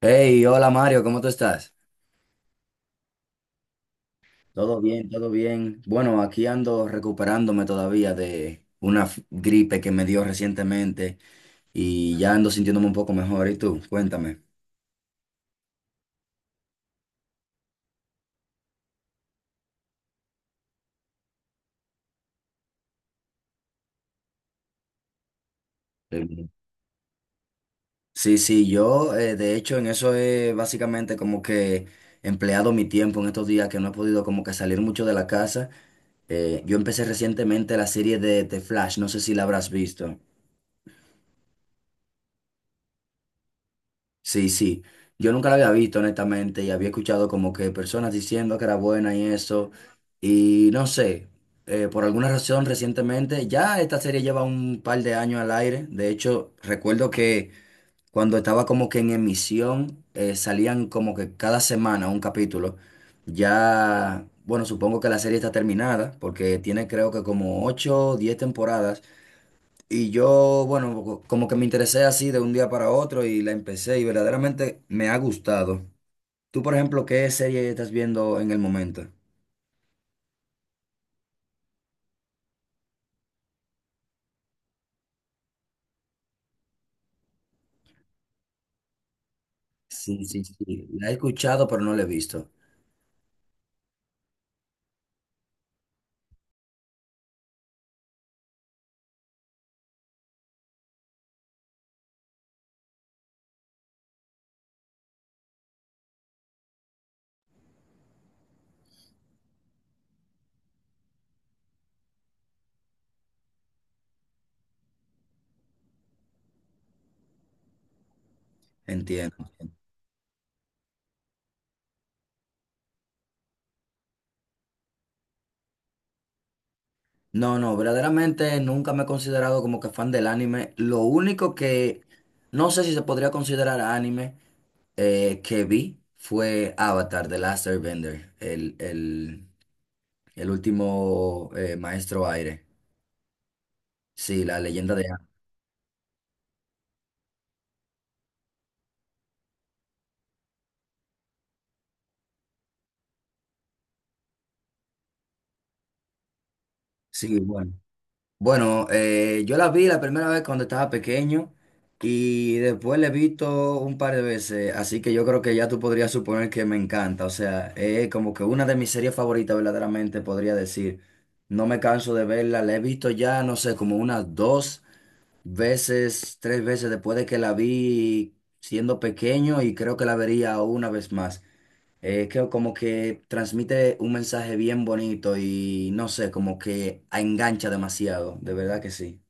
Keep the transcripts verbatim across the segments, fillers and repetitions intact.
Hey, hola Mario, ¿cómo tú estás? Todo bien, todo bien. Bueno, aquí ando recuperándome todavía de una f- gripe que me dio recientemente y ya ando sintiéndome un poco mejor. ¿Y tú? Cuéntame. Eh, Sí, sí, yo eh, de hecho en eso he básicamente como que empleado mi tiempo en estos días que no he podido como que salir mucho de la casa. Eh, yo empecé recientemente la serie de The Flash, no sé si la habrás visto. Sí, sí. Yo nunca la había visto, honestamente, y había escuchado como que personas diciendo que era buena y eso. Y no sé, eh, por alguna razón recientemente, ya esta serie lleva un par de años al aire. De hecho, recuerdo que cuando estaba como que en emisión, eh, salían como que cada semana un capítulo. Ya, bueno, supongo que la serie está terminada, porque tiene creo que como ocho o diez temporadas. Y yo, bueno, co- como que me interesé así de un día para otro y la empecé y verdaderamente me ha gustado. Tú, por ejemplo, ¿qué serie estás viendo en el momento? Sí, sí, sí. La he escuchado, pero no la he visto. Entiendo. No, no, verdaderamente nunca me he considerado como que fan del anime. Lo único que no sé si se podría considerar anime eh, que vi fue Avatar, The Last Airbender, el, el, el último eh, maestro aire. Sí, la leyenda de Aang. Sí, bueno. Bueno, eh, yo la vi la primera vez cuando estaba pequeño y después la he visto un par de veces, así que yo creo que ya tú podrías suponer que me encanta, o sea, es como que una de mis series favoritas verdaderamente podría decir. No me canso de verla, la he visto ya, no sé, como unas dos veces, tres veces después de que la vi siendo pequeño y creo que la vería una vez más, es que como que transmite un mensaje bien bonito y no sé, como que engancha demasiado, de verdad que sí.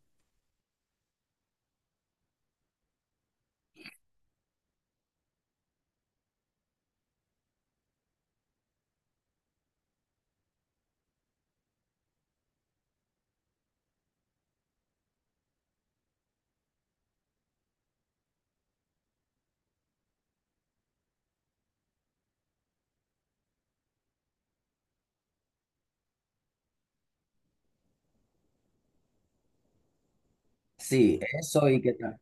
Sí, eso y que ta-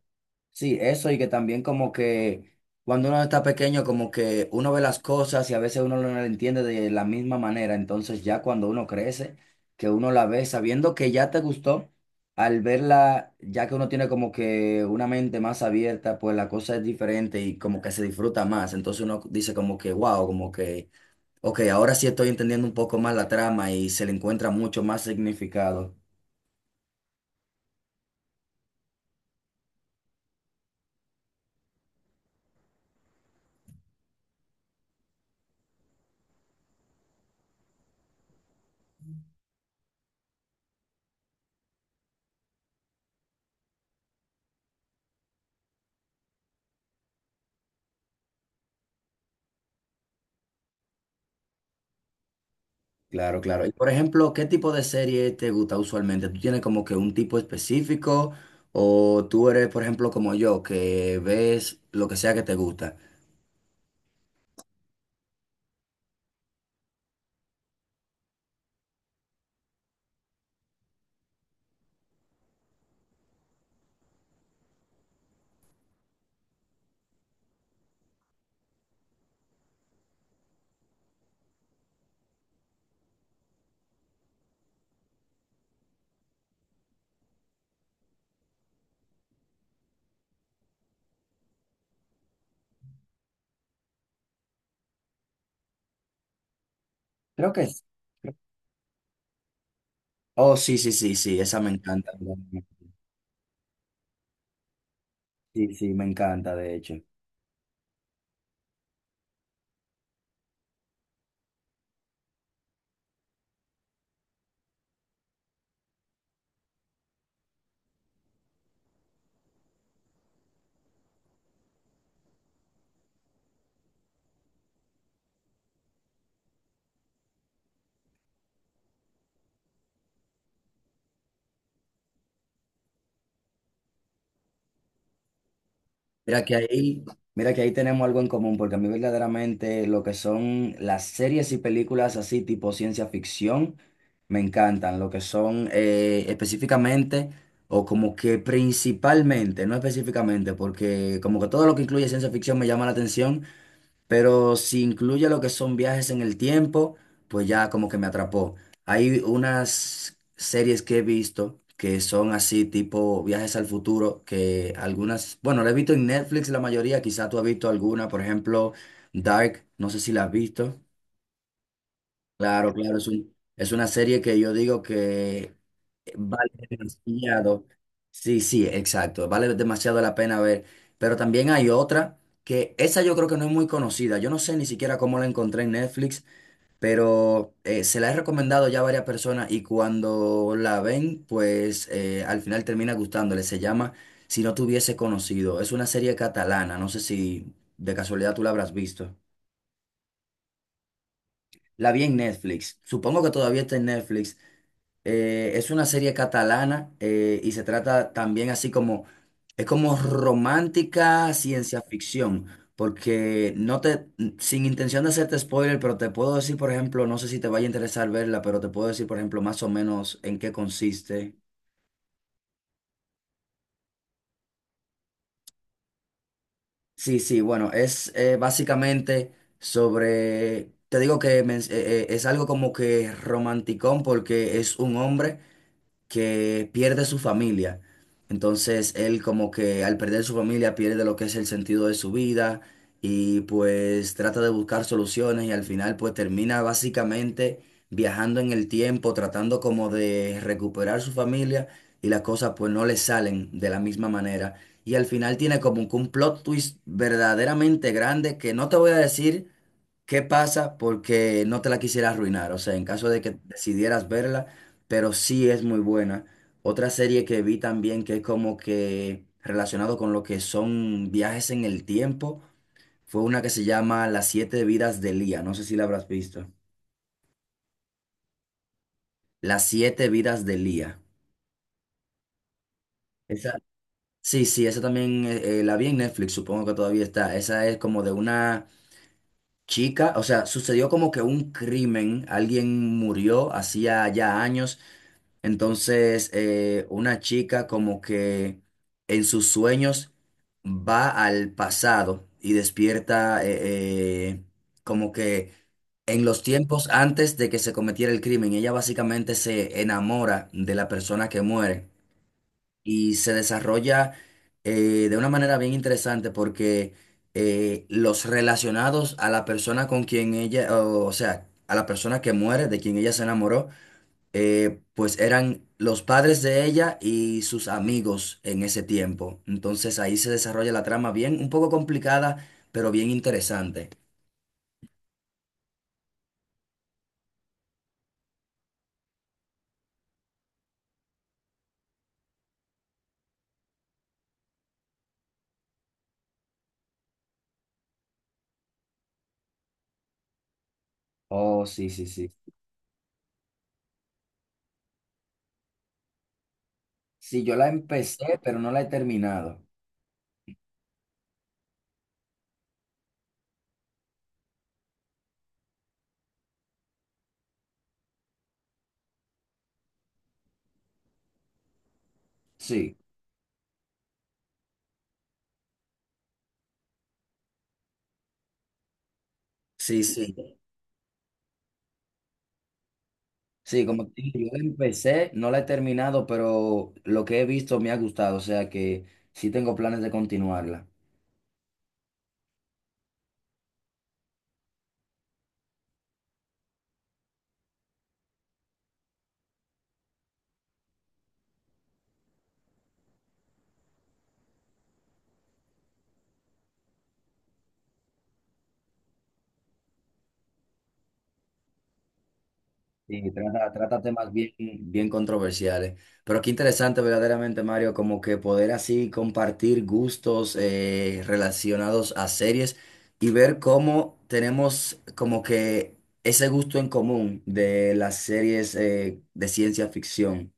sí, eso y que también como que cuando uno está pequeño, como que uno ve las cosas y a veces uno no las entiende de la misma manera. Entonces ya cuando uno crece, que uno la ve sabiendo que ya te gustó, al verla, ya que uno tiene como que una mente más abierta, pues la cosa es diferente y como que se disfruta más. Entonces uno dice como que, wow, como que ok, ahora sí estoy entendiendo un poco más la trama y se le encuentra mucho más significado. Claro, claro. Y por ejemplo, ¿qué tipo de serie te gusta usualmente? ¿Tú tienes como que un tipo específico o tú eres, por ejemplo, como yo, que ves lo que sea que te gusta? Creo que es. Oh, sí, sí, sí, sí, esa me encanta. Sí, sí, me encanta, de hecho. Mira que ahí, mira que ahí tenemos algo en común, porque a mí verdaderamente lo que son las series y películas así tipo ciencia ficción me encantan, lo que son eh, específicamente o como que principalmente, no específicamente, porque como que todo lo que incluye ciencia ficción me llama la atención, pero si incluye lo que son viajes en el tiempo, pues ya como que me atrapó. Hay unas series que he visto que son así tipo viajes al futuro, que algunas, bueno, la he visto en Netflix la mayoría, quizá tú has visto alguna, por ejemplo, Dark, no sé si la has visto. Claro, claro, es un, es una serie que yo digo que vale demasiado. Sí, sí, exacto. Vale demasiado la pena ver. Pero también hay otra que esa yo creo que no es muy conocida. Yo no sé ni siquiera cómo la encontré en Netflix, pero eh, se la he recomendado ya a varias personas y cuando la ven, pues eh, al final termina gustándole. Se llama Si no te hubiese conocido. Es una serie catalana. No sé si de casualidad tú la habrás visto. La vi en Netflix. Supongo que todavía está en Netflix. Eh, es una serie catalana eh, y se trata también así como, es como romántica ciencia ficción, porque no te, sin intención de hacerte spoiler, pero te puedo decir, por ejemplo, no sé si te vaya a interesar verla, pero te puedo decir, por ejemplo, más o menos en qué consiste. Sí, sí, bueno, es eh, básicamente sobre, te digo que men- eh, eh, es algo como que romanticón porque es un hombre que pierde su familia. Entonces él como que al perder su familia pierde lo que es el sentido de su vida y pues trata de buscar soluciones y al final pues termina básicamente viajando en el tiempo, tratando como de recuperar su familia y las cosas pues no le salen de la misma manera. Y al final tiene como que un plot twist verdaderamente grande que no te voy a decir ¿qué pasa? Porque no te la quisiera arruinar, o sea, en caso de que decidieras verla, pero sí es muy buena. Otra serie que vi también que es como que relacionado con lo que son viajes en el tiempo, fue una que se llama Las siete vidas de Lía, no sé si la habrás visto. Las siete vidas de Lía. Esa, sí, sí, esa también eh, eh, la vi en Netflix, supongo que todavía está. Esa es como de una chica, o sea, sucedió como que un crimen, alguien murió hacía ya años. Entonces, eh, una chica como que en sus sueños va al pasado y despierta eh, eh, como que en los tiempos antes de que se cometiera el crimen. Ella básicamente se enamora de la persona que muere y se desarrolla eh, de una manera bien interesante porque eh, los relacionados a la persona con quien ella, o o sea, a la persona que muere, de quien ella se enamoró, eh, pues eran los padres de ella y sus amigos en ese tiempo. Entonces ahí se desarrolla la trama bien, un poco complicada, pero bien interesante. Oh, sí, sí, sí. Sí, yo la empecé, pero no la he terminado. Sí, sí, sí. Sí, como te digo, yo la empecé, no la he terminado, pero lo que he visto me ha gustado, o sea que sí tengo planes de continuarla. Sí, trata, trata temas bien, bien controversiales. Pero qué interesante verdaderamente, Mario, como que poder así compartir gustos eh, relacionados a series y ver cómo tenemos como que ese gusto en común de las series eh, de ciencia ficción.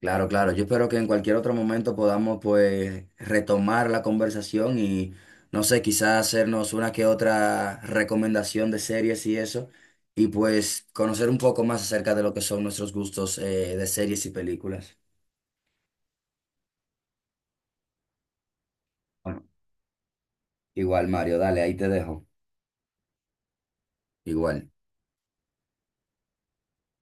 Claro, claro. Yo espero que en cualquier otro momento podamos pues retomar la conversación y no sé, quizás hacernos una que otra recomendación de series y eso, y pues conocer un poco más acerca de lo que son nuestros gustos eh, de series y películas. Bueno, igual, Mario, dale, ahí te dejo. Igual.